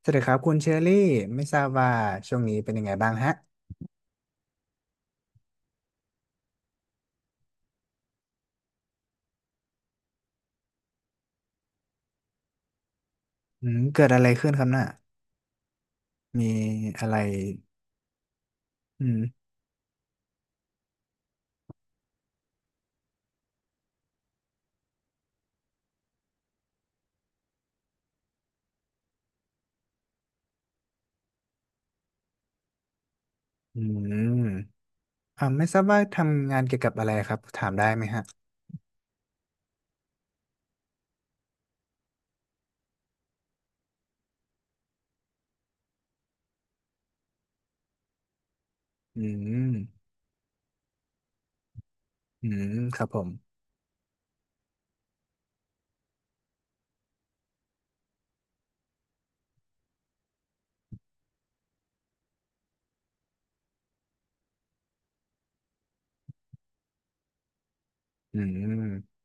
สวัสดีครับคุณเชอรี่ไม่ทราบว่าช่วงนี้เป็นยังไงบ้างฮะอืมเกิดอะไรขึ้นครับน่ะมีอะไรอืมอืมไม่ทราบว่าทำงานเกี่ยวกับอะไรครับถามได้ไหมฮะอืมอืมครับผมอืม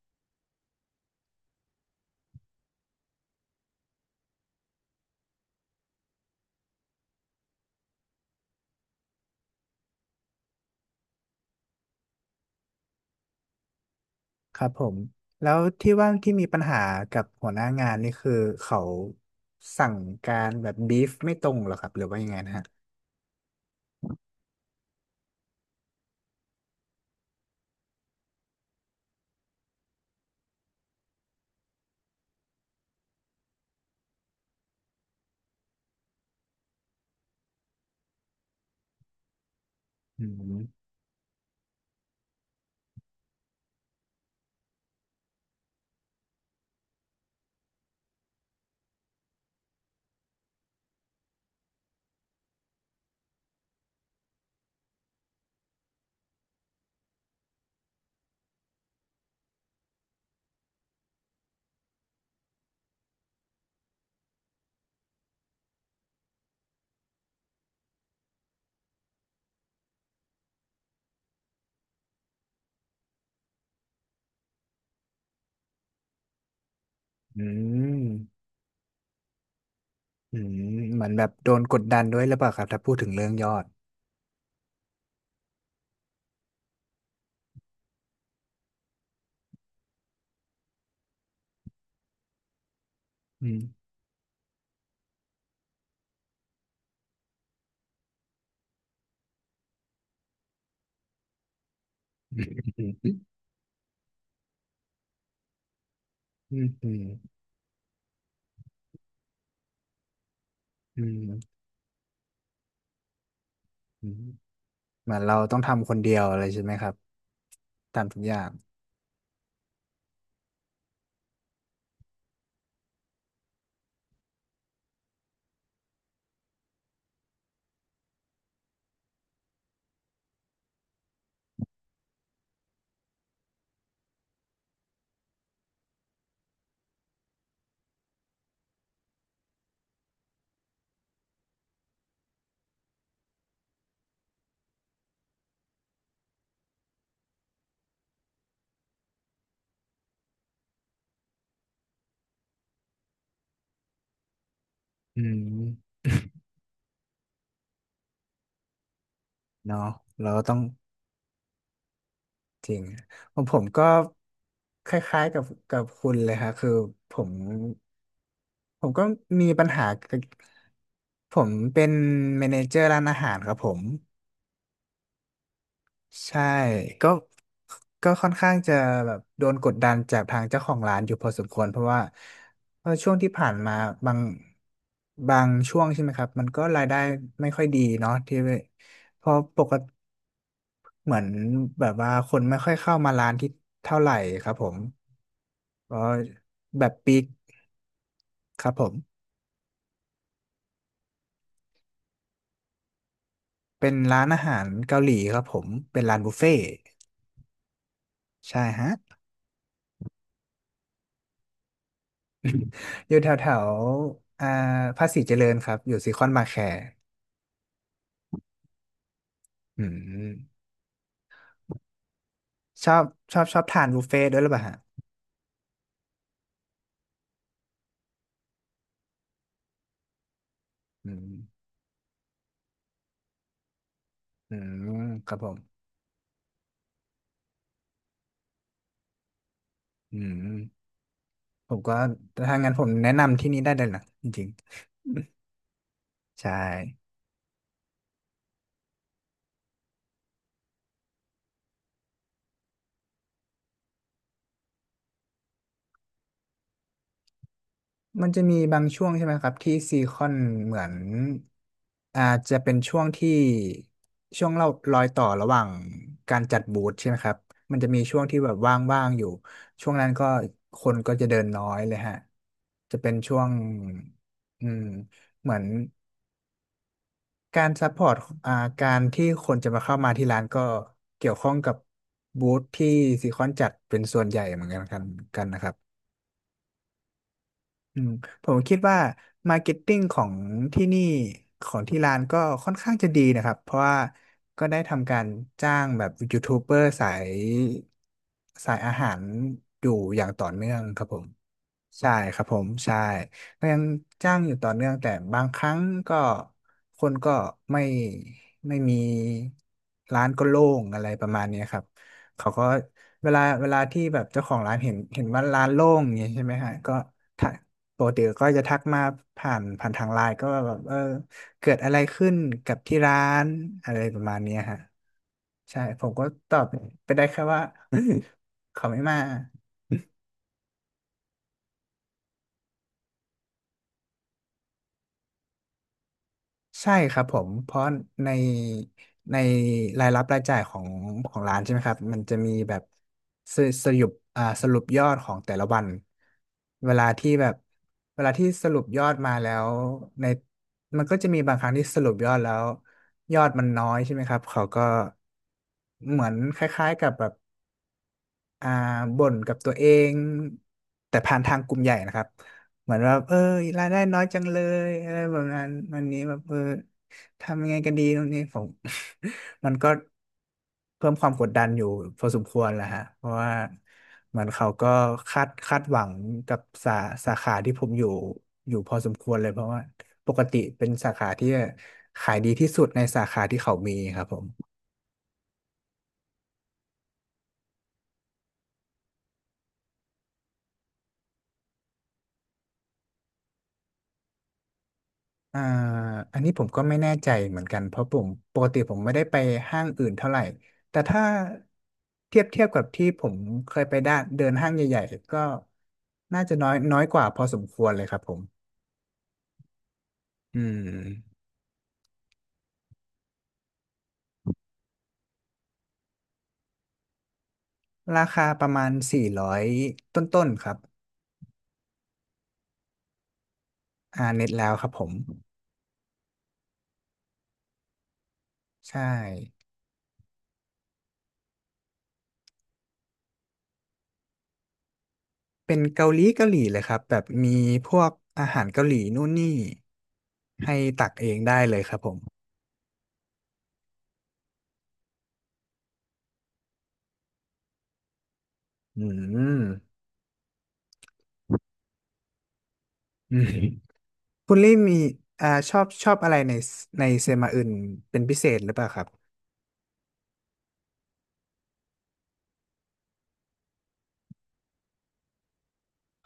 ครับผมแล้วที่ว่าที่มีปัญหากับหัวหน้างานนี่คือเขาสั่งการแบบบีฟไม่ตรงเหรอครับหรือว่ายังไงนะฮะอืมอืมอืมเหมือนแบบโดนกดดันด้วยหรือเปล่าครับถ้าพูดถึงเรื่องยอดอืม อืมอืมอืมอืมเหมือนเราต้องทำคนเดียวอะไรใช่ไหมครับทำทุกอย่างอืมเนาะเราก็ต้องจริงของผมก็คล้ายๆกับคุณเลยครับคือผมผมก็มีปัญหากับผมเป็นแมเนเจอร์ร้านอาหารครับผม ใช่ก็ก็ค่อนข้างจะแบบโดนกดดันจากทางเจ้าของร้านอยู่พอสมควรเพราะว่าช่วงที่ผ่านมาบางบางช่วงใช่ไหมครับมันก็รายได้ไม่ค่อยดีเนาะที่เพราะปกติเหมือนแบบว่าคนไม่ค่อยเข้ามาร้านที่เท่าไหร่ครับผมเพราะแบบปีกครับผมเป็นร้านอาหารเกาหลีครับผมเป็นร้านบุฟเฟ่ต์ใช่ฮะ อยู่แถวแถวอ่าภาษีเจริญครับอยู่ซีคอนมาแคร์อืมชอบชอบชอบทานบุฟเฟ่ต์ด้วยหรือเปล่าฮะอืมอืมครับผมอืมผมก็ถ้างั้นผมแนะนำที่นี้ได้เลยนะจริงๆใช่ มันจะมีบางช่วงใช่ไหมครับที่ซีคอนเหมือนอาจจะเป็นช่วงที่ช่วงเรารอยต่อระหว่างการจัดบูธใช่ไหมครับมันจะมีช่วงที่แบบว่างๆอยู่ช่วงนั้นก็คนก็จะเดินน้อยเลยฮะจะเป็นช่วงอืมเหมือนการซัพพอร์ตอ่าการที่คนจะมาเข้ามาที่ร้านก็เกี่ยวข้องกับบูธที่ซีคอนจัดเป็นส่วนใหญ่เหมือนกันกันนะครับ อืมผมคิดว่ามาร์เก็ตติ้งของที่นี่ของที่ร้านก็ค่อนข้างจะดีนะครับเพราะว่าก็ได้ทำการจ้างแบบยูทูบเบอร์สายสายอาหารอยู่อย่างต่อเนื่องครับผมใช่ครับผมใช่ก็ยังจ้างอยู่ต่อเนื่องแต่บางครั้งก็คนก็ไม่ไม่มีร้านก็โล่งอะไรประมาณเนี้ยครับเขาก็เวลาที่แบบเจ้าของร้านเห็นว่าร้านโล่งอย่างเงี้ยใช่ไหมฮะก็ ปกติก็จะทักมาผ่านทางไลน์ก็ว่าแบบเออเกิดอะไรขึ้นกับที่ร้านอะไรประมาณเนี้ยฮะใช่ผมก็ตอบไปได้แค่ว่า เขาไม่มา ใช่ครับผมเพราะในในรายรับรายจ่ายของของร้านใช่ไหมครับมันจะมีแบบสสรุปอ่าสรุปยอดของแต่ละวันเวลาที่แบบเวลาที่สรุปยอดมาแล้วในมันก็จะมีบางครั้งที่สรุปยอดแล้วยอดมันน้อยใช่ไหมครับเขาก็เหมือนคล้ายๆกับแบบ อ่าบ่นกับตัวเองแต่ผ่านทางกลุ่มใหญ่นะครับเหมือนว่าเออรายได้น้อยจังเลยอะไรแบบนั้นวันนี้แบบเออทำยังไงกันดีตรงนี้ผม มันก็เพิ่มความกดดันอยู่พอสมควรแหละฮะเพราะว่าเหมือนเขาก็คาดหวังกับสาสาขาที่ผมอยู่อยู่พอสมควรเลยเพราะว่าปกติเป็นสาขาที่ขายดีที่สุดในสาขาที่เขามีครับผม อ่าอันนี้ผมก็ไม่แน่ใจเหมือนกันเพราะผมปกติผมไม่ได้ไปห้างอื่นเท่าไหร่แต่ถ้าเทียบกับที่ผมเคยไปด้านเดินห้างใหญ่ๆก็น่าจะน้อยน้อยกว่าพอสมควรเลยครับผมอืมราคาประมาณ400ต้นๆครับเน็ตแล้วครับผมใช่เป็นเกาหลีเกาหลีเลยครับแบบมีพวกอาหารเกาหลีนู่นนี่ให้ตักเองได้เลยครับผมอืม อืม คุณลี่มีชอบอะไรในเซมาอื่นเป็นพิเศษหรือเปล่าครับ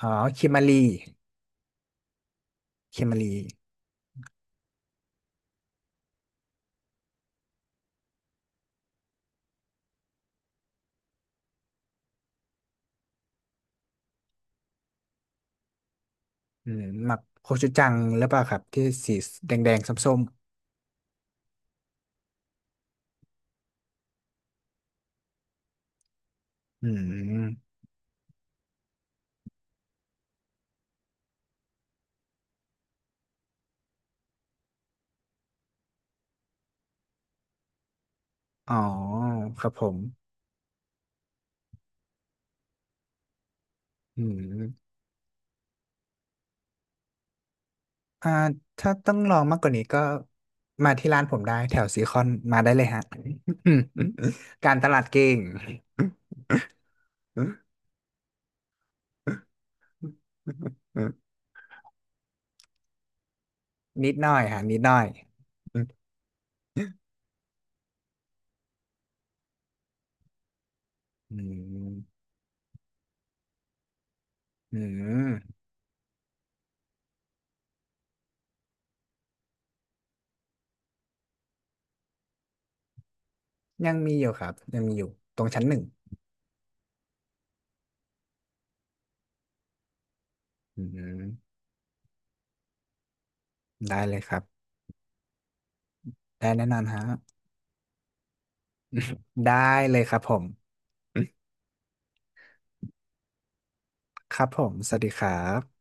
อ๋อคิมารีคิมารีอืมหมักโคชูจังหรือเปล่าครับที่สีแดงส้มๆอืมอ๋อครับผมอืมอ่าถ้าต้องลองมากกว่านี้ก็มาที่ร้านผมได้แถวซีคอนมาได้เลยฮะ การตลาดเก่ง นิดหน่อยฮะนิดหน่อยอืมอืม ยังมีอยู่ครับยังมีอยู่ตรงชั้น 1อืมได้เลยครับได้แน่นอนฮะ ได้เลยครับผมครับผมสวัสดีครับ